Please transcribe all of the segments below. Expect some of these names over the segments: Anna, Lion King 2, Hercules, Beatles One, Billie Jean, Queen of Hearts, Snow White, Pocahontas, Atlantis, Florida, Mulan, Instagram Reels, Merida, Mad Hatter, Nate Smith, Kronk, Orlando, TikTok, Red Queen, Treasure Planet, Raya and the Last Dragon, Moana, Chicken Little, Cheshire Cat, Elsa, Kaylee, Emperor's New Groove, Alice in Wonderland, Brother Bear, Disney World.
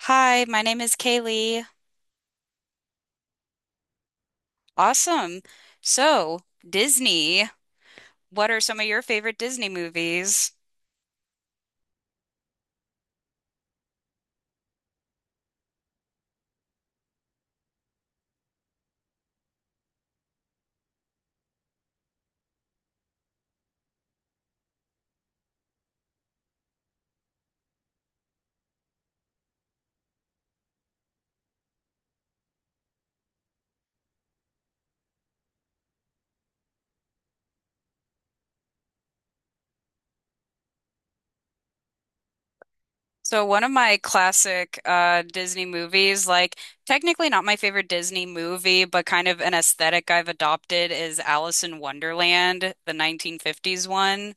Hi, my name is Kaylee. Awesome. So, Disney, what are some of your favorite Disney movies? So, one of my classic Disney movies, like technically not my favorite Disney movie, but kind of an aesthetic I've adopted is Alice in Wonderland, the 1950s one.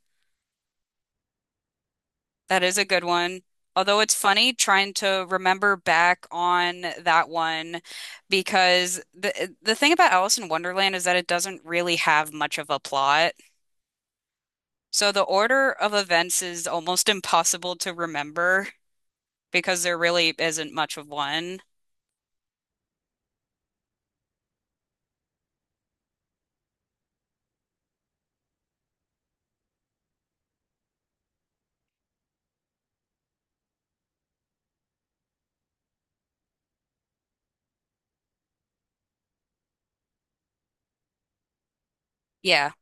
That is a good one. Although it's funny trying to remember back on that one because the thing about Alice in Wonderland is that it doesn't really have much of a plot. So the order of events is almost impossible to remember because there really isn't much of one. Yeah.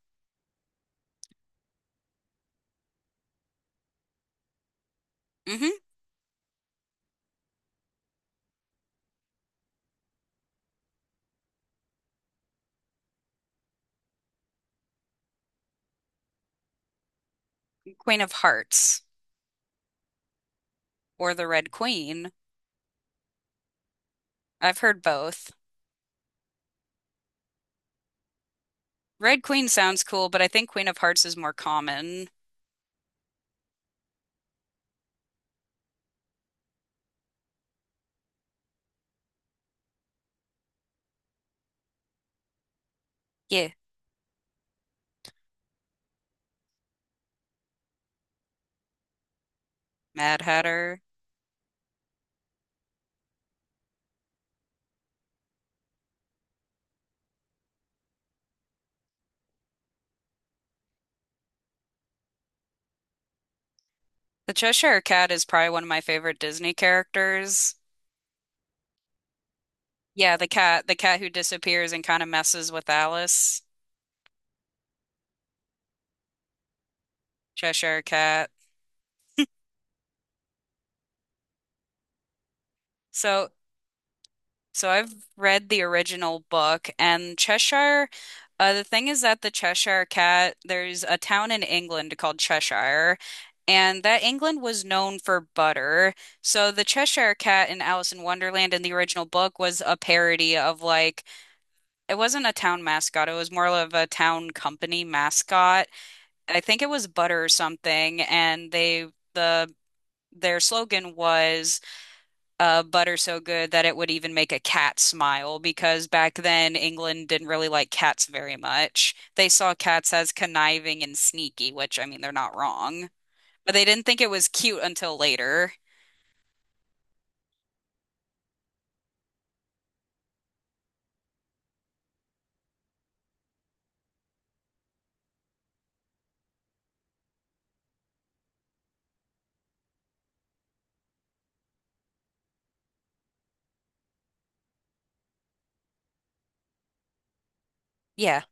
hmm Queen of Hearts or the Red Queen. I've heard both. Red Queen sounds cool, but I think Queen of Hearts is more common. Yeah. Mad Hatter. The Cheshire Cat is probably one of my favorite Disney characters. Yeah, the cat who disappears and kind of messes with Alice. Cheshire Cat. So So I've read the original book and Cheshire. The thing is that the Cheshire Cat, there's a town in England called Cheshire, and that England was known for butter. So the Cheshire Cat in Alice in Wonderland in the original book was a parody of like, it wasn't a town mascot, it was more of a town company mascot. I think it was butter or something, and they, the, their slogan was butter so good that it would even make a cat smile because back then England didn't really like cats very much. They saw cats as conniving and sneaky, which I mean, they're not wrong, but they didn't think it was cute until later. Yeah.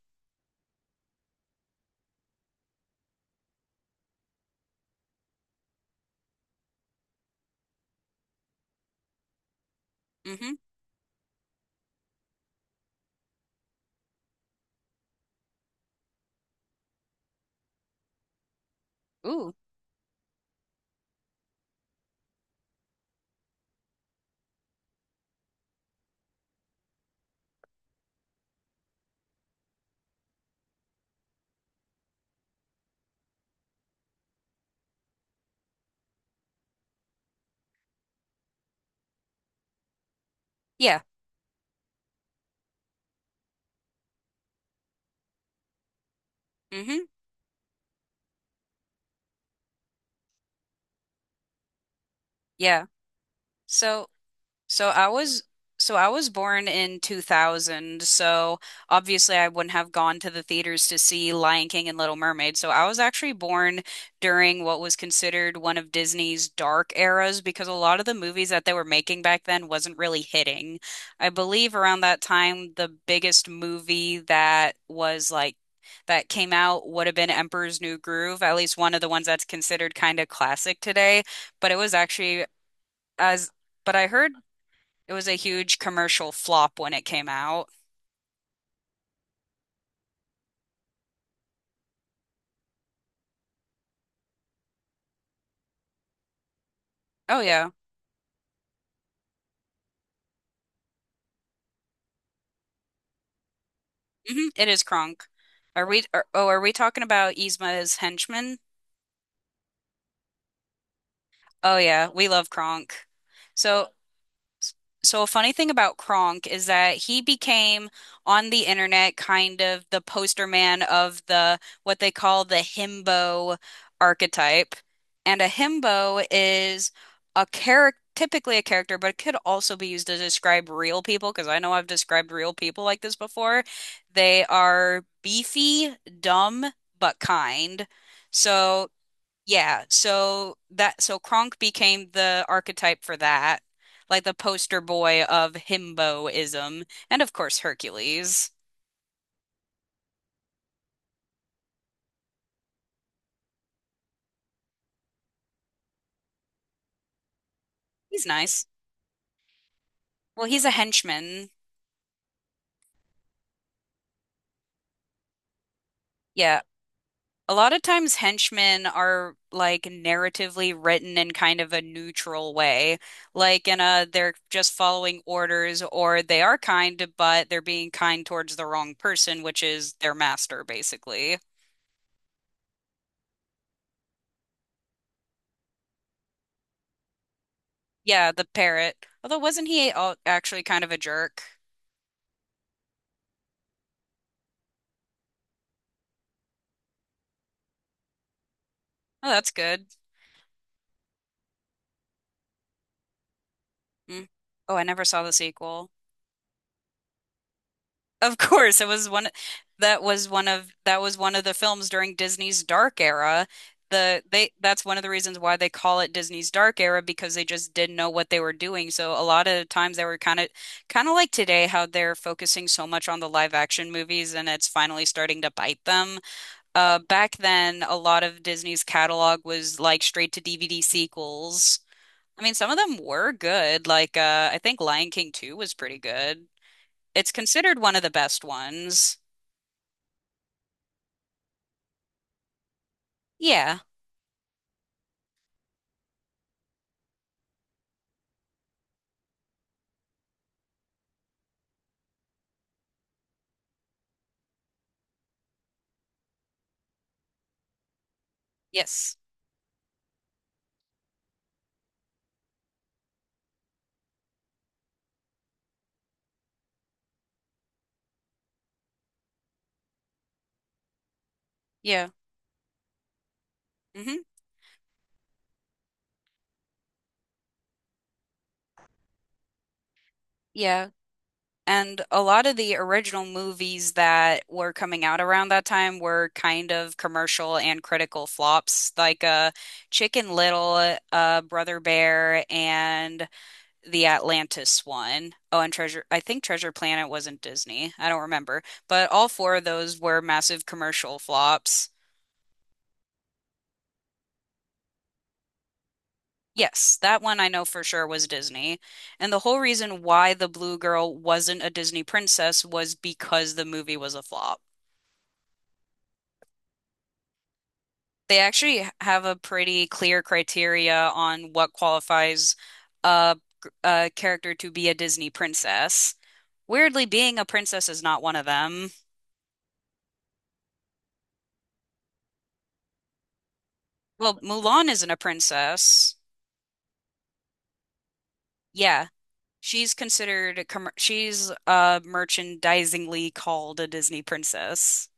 Mm-hmm. Ooh. Yeah. Mm-hmm. Yeah. So. So I was so I was born in 2000, so obviously I wouldn't have gone to the theaters to see Lion King and Little Mermaid. So I was actually born during what was considered one of Disney's dark eras because a lot of the movies that they were making back then wasn't really hitting. I believe around that time the biggest movie that was like that came out would have been Emperor's New Groove, at least one of the ones that's considered kind of classic today, but it was actually as but I heard it was a huge commercial flop when it came out. Oh yeah. hmm It is Kronk. Are we talking about Yzma's henchman? Oh yeah, we love Kronk. So So a funny thing about Kronk is that he became on the internet kind of the poster man of the what they call the himbo archetype. And a himbo is a character, typically a character, but it could also be used to describe real people because I know I've described real people like this before. They are beefy, dumb, but kind. So yeah, so that so Kronk became the archetype for that, like the poster boy of himboism, and of course Hercules. He's nice. Well, he's a henchman. Yeah, a lot of times henchmen are like narratively written in kind of a neutral way, like in a they're just following orders, or they are kind, but they're being kind towards the wrong person, which is their master, basically. Yeah, the parrot. Although wasn't he actually kind of a jerk? Oh, that's good. Mm. Oh, I never saw the sequel. Of course, it was one that was one of the films during Disney's dark era. They that's one of the reasons why they call it Disney's dark era because they just didn't know what they were doing. So a lot of times they were kind of like today how they're focusing so much on the live action movies and it's finally starting to bite them. Back then, a lot of Disney's catalog was like straight to DVD sequels. I mean, some of them were good. Like, I think Lion King 2 was pretty good. It's considered one of the best ones. Yeah. Yes. Yeah. hmm Yeah. And a lot of the original movies that were coming out around that time were kind of commercial and critical flops, like Chicken Little, Brother Bear, and the Atlantis one. Oh, and Treasure, I think Treasure Planet wasn't Disney. I don't remember. But all four of those were massive commercial flops. Yes, that one I know for sure was Disney. And the whole reason why the Blue Girl wasn't a Disney princess was because the movie was a flop. They actually have a pretty clear criteria on what qualifies a, a character to be a Disney princess. Weirdly, being a princess is not one of them. Well, Mulan isn't a princess. Yeah, she's considered, a commer- she's merchandisingly called a Disney princess.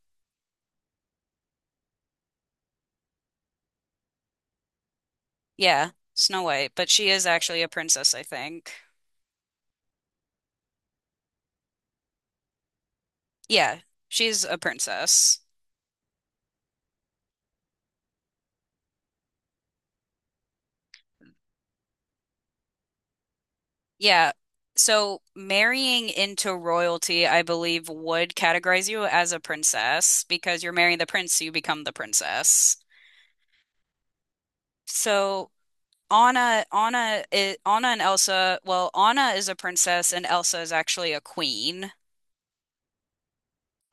Yeah, Snow White, but she is actually a princess, I think. Yeah, she's a princess. Yeah. So marrying into royalty, I believe, would categorize you as a princess because you're marrying the prince, so you become the princess. So Anna and Elsa, well, Anna is a princess and Elsa is actually a queen.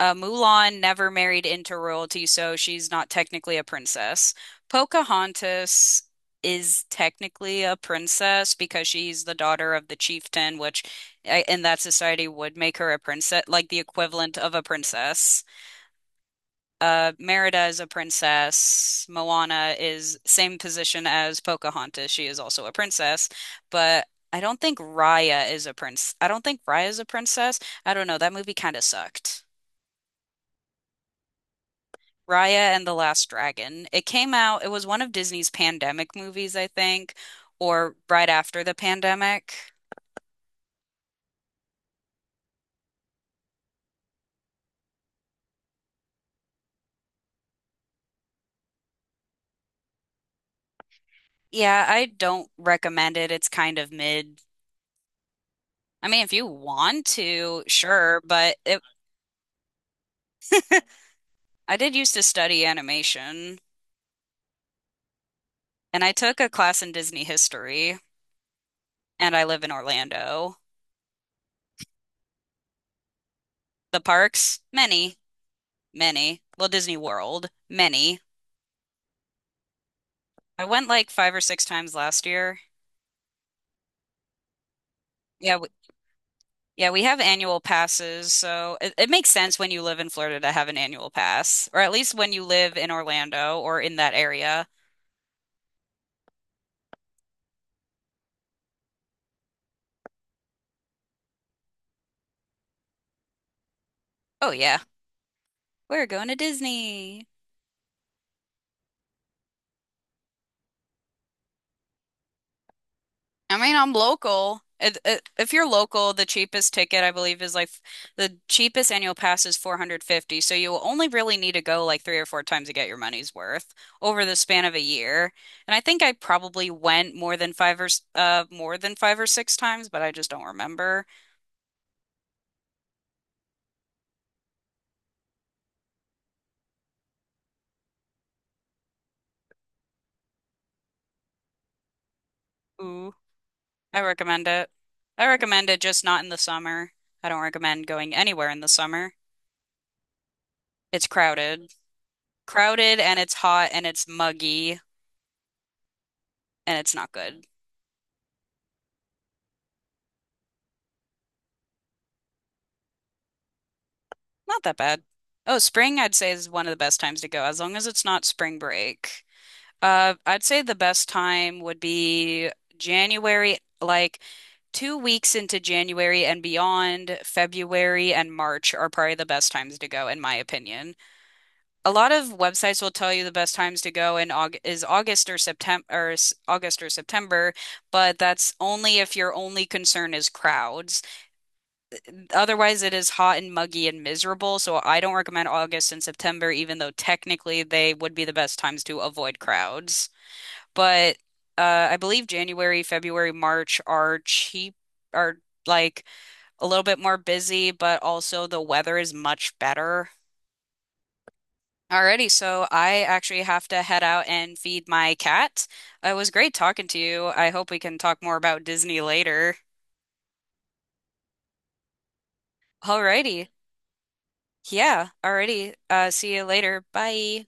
Mulan never married into royalty, so she's not technically a princess. Pocahontas is technically a princess because she's the daughter of the chieftain, which in that society would make her a princess, like the equivalent of a princess. Merida is a princess. Moana is same position as Pocahontas. She is also a princess, but I don't think Raya is a princess. I don't know. That movie kind of sucked. Raya and the Last Dragon. It came out, it was one of Disney's pandemic movies, I think, or right after the pandemic. Yeah, I don't recommend it. It's kind of mid. I mean, if you want to, sure, but it, I did used to study animation, and I took a class in Disney history, and I live in Orlando. The parks, many, many. Well, Disney World, many. I went like 5 or 6 times last year. Yeah, yeah, we have annual passes, so it makes sense when you live in Florida to have an annual pass, or at least when you live in Orlando or in that area. Oh yeah, we're going to Disney. I mean, I'm local. If you're local, the cheapest ticket I believe is like the cheapest annual pass is 450, so you only really need to go like 3 or 4 times to get your money's worth over the span of a year. And I think I probably went more than more than 5 or 6 times, but I just don't remember. I recommend it. I recommend it just not in the summer. I don't recommend going anywhere in the summer. It's crowded. Crowded and it's hot and it's muggy and it's not good. Not that bad. Oh, spring I'd say is one of the best times to go as long as it's not spring break. I'd say the best time would be January, like 2 weeks into January and beyond, February and March are probably the best times to go in my opinion. A lot of websites will tell you the best times to go in Aug is August or September August or September, but that's only if your only concern is crowds. Otherwise, it is hot and muggy and miserable, so I don't recommend August and September, even though technically they would be the best times to avoid crowds. But I believe January, February, March are cheap, are like a little bit more busy, but also the weather is much better. Alrighty, so I actually have to head out and feed my cat. It was great talking to you. I hope we can talk more about Disney later. Alrighty. Yeah, alrighty. See you later. Bye.